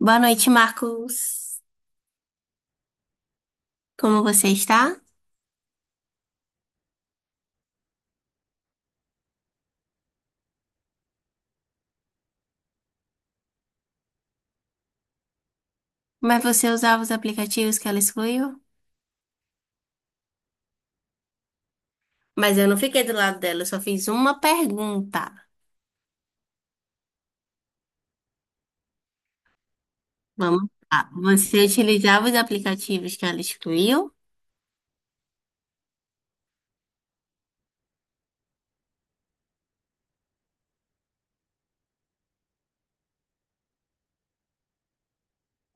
Boa noite, Marcos. Como você está? Mas você usava os aplicativos que ela excluiu? Mas eu não fiquei do lado dela, eu só fiz uma pergunta. Vamos lá. Você utilizava os aplicativos que ela excluiu?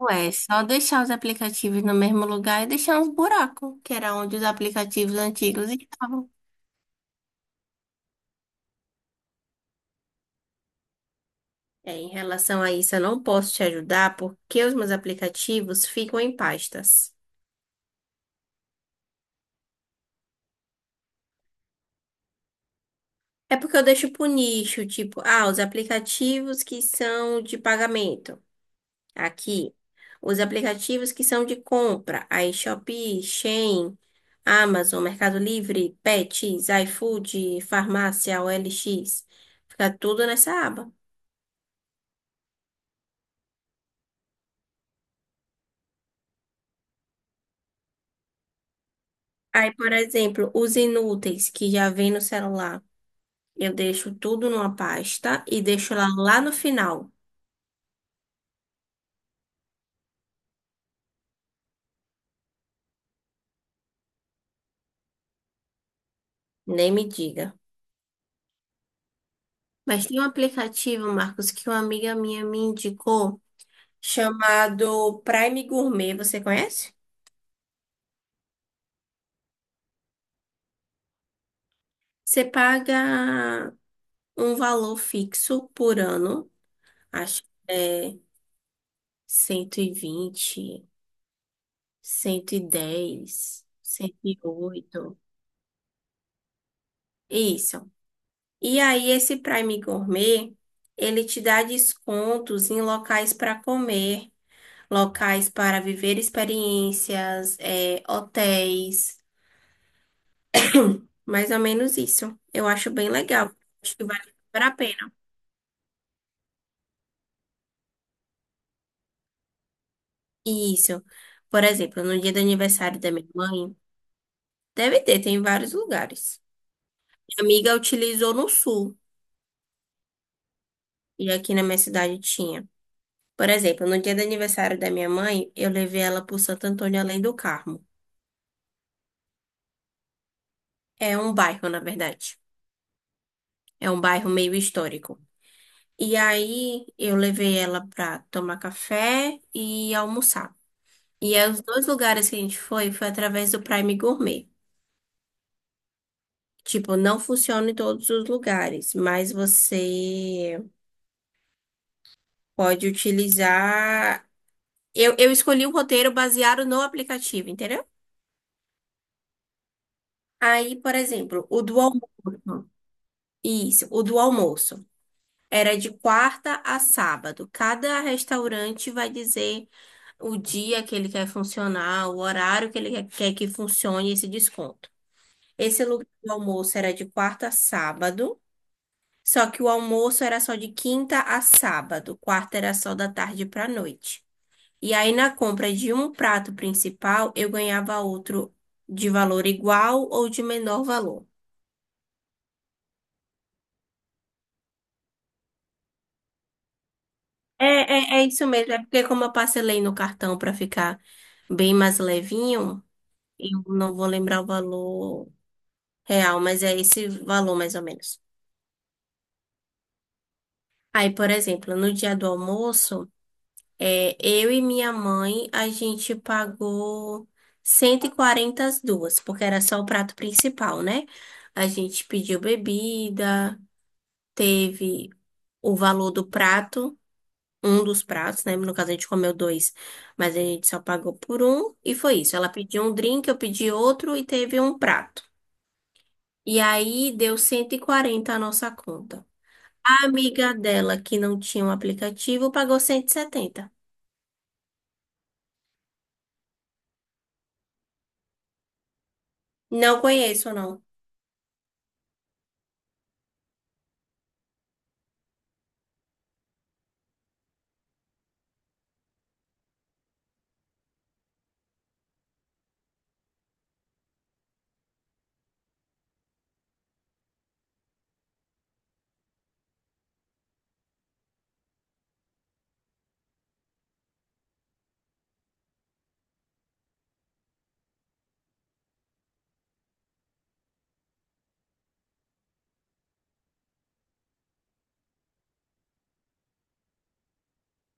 Ué, é só deixar os aplicativos no mesmo lugar e deixar uns buracos, que era onde os aplicativos antigos estavam. É, em relação a isso, eu não posso te ajudar porque os meus aplicativos ficam em pastas. É porque eu deixo pro nicho, tipo, ah, os aplicativos que são de pagamento, aqui. Os aplicativos que são de compra, aí Shopee, Shein, Amazon, Mercado Livre, Pets, iFood, Farmácia, OLX. Fica tudo nessa aba. Aí, por exemplo, os inúteis que já vem no celular. Eu deixo tudo numa pasta e deixo lá, lá no final. Nem me diga. Mas tem um aplicativo, Marcos, que uma amiga minha me indicou, chamado Prime Gourmet, você conhece? Você paga um valor fixo por ano, acho que é 120, 110, 108. Isso. E aí esse Prime Gourmet, ele te dá descontos em locais para comer, locais para viver experiências, é, hotéis, mais ou menos isso. Eu acho bem legal. Acho que vale super a pena. Isso. Por exemplo, no dia do aniversário da minha mãe, deve ter, tem em vários lugares. Minha amiga utilizou no sul, e aqui na minha cidade tinha. Por exemplo, no dia do aniversário da minha mãe, eu levei ela por Santo Antônio Além do Carmo. É um bairro, na verdade. É um bairro meio histórico. E aí eu levei ela pra tomar café e almoçar. E aí, os dois lugares que a gente foi através do Prime Gourmet. Tipo, não funciona em todos os lugares, mas você pode utilizar. Eu escolhi um roteiro baseado no aplicativo, entendeu? Aí, por exemplo, o do almoço. Isso, o do almoço. Era de quarta a sábado. Cada restaurante vai dizer o dia que ele quer funcionar, o horário que ele quer que funcione esse desconto. Esse lugar do almoço era de quarta a sábado, só que o almoço era só de quinta a sábado. Quarta era só da tarde para noite. E aí, na compra de um prato principal, eu ganhava outro de valor igual ou de menor valor. É, é, é isso mesmo. É porque, como eu parcelei no cartão para ficar bem mais levinho, eu não vou lembrar o valor real, mas é esse valor mais ou menos. Aí, por exemplo, no dia do almoço, é, eu e minha mãe, a gente pagou 140 as duas, porque era só o prato principal, né? A gente pediu bebida, teve o valor do prato, um dos pratos, né? No caso, a gente comeu dois, mas a gente só pagou por um. E foi isso. Ela pediu um drink, eu pedi outro e teve um prato. E aí deu 140 a nossa conta. A amiga dela, que não tinha um aplicativo, pagou 170. Não conheço, não.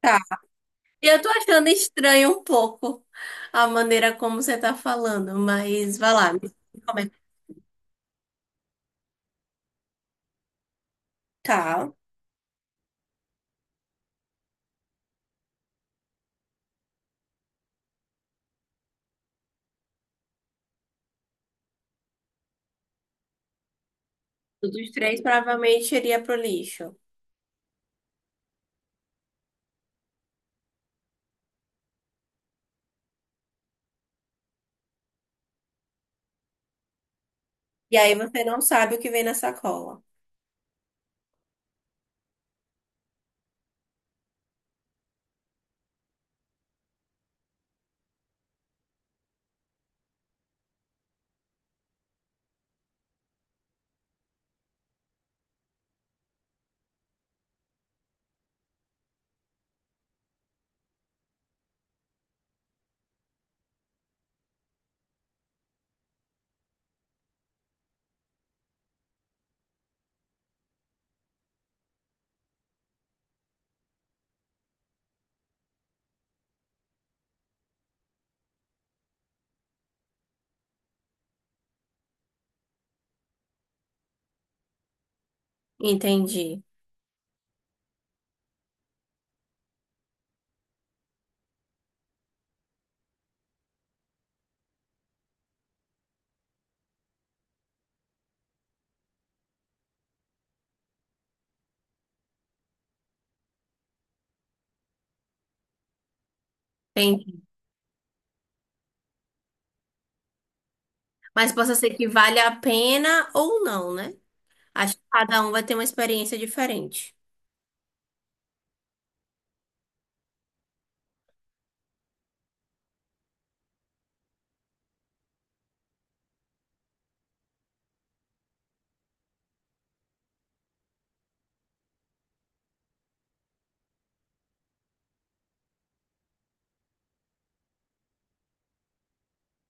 Tá. Eu tô achando estranho um pouco a maneira como você tá falando, mas vai lá. Me como é que. Tá. Os três provavelmente iria pro lixo. E aí você não sabe o que vem na sacola. Entendi, entendi. Mas possa ser que vale a pena ou não, né? Acho que cada um vai ter uma experiência diferente.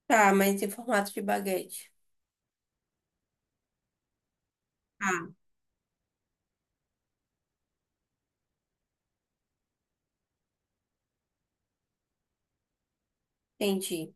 Tá, mas em formato de baguete. Ah, entendi.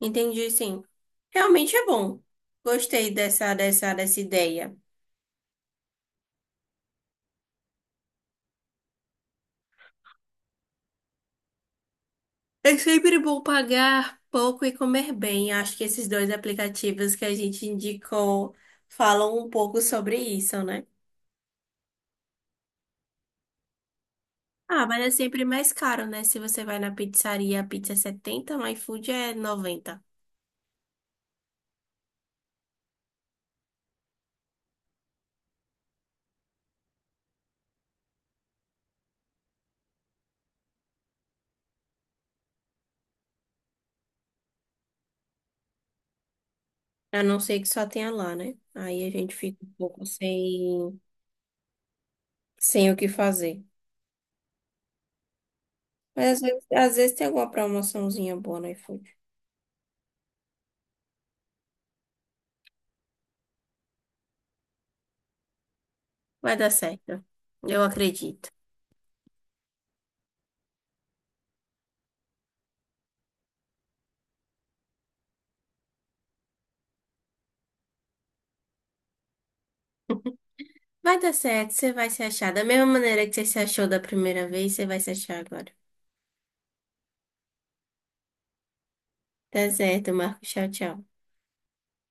Entendi, sim. Realmente é bom. Gostei dessa ideia. É sempre bom pagar pouco e comer bem. Acho que esses dois aplicativos que a gente indicou falam um pouco sobre isso, né? Ah, mas é sempre mais caro, né? Se você vai na pizzaria, a pizza é 70, no iFood é 90. A não ser que só tenha lá, né? Aí a gente fica um pouco sem, sem o que fazer. Mas às vezes tem alguma promoçãozinha boa no iFood. Vai dar certo. Eu acredito. Vai dar certo, você vai se achar. Da mesma maneira que você se achou da primeira vez, você vai se achar agora. Tá certo, Marco. Tchau, tchau.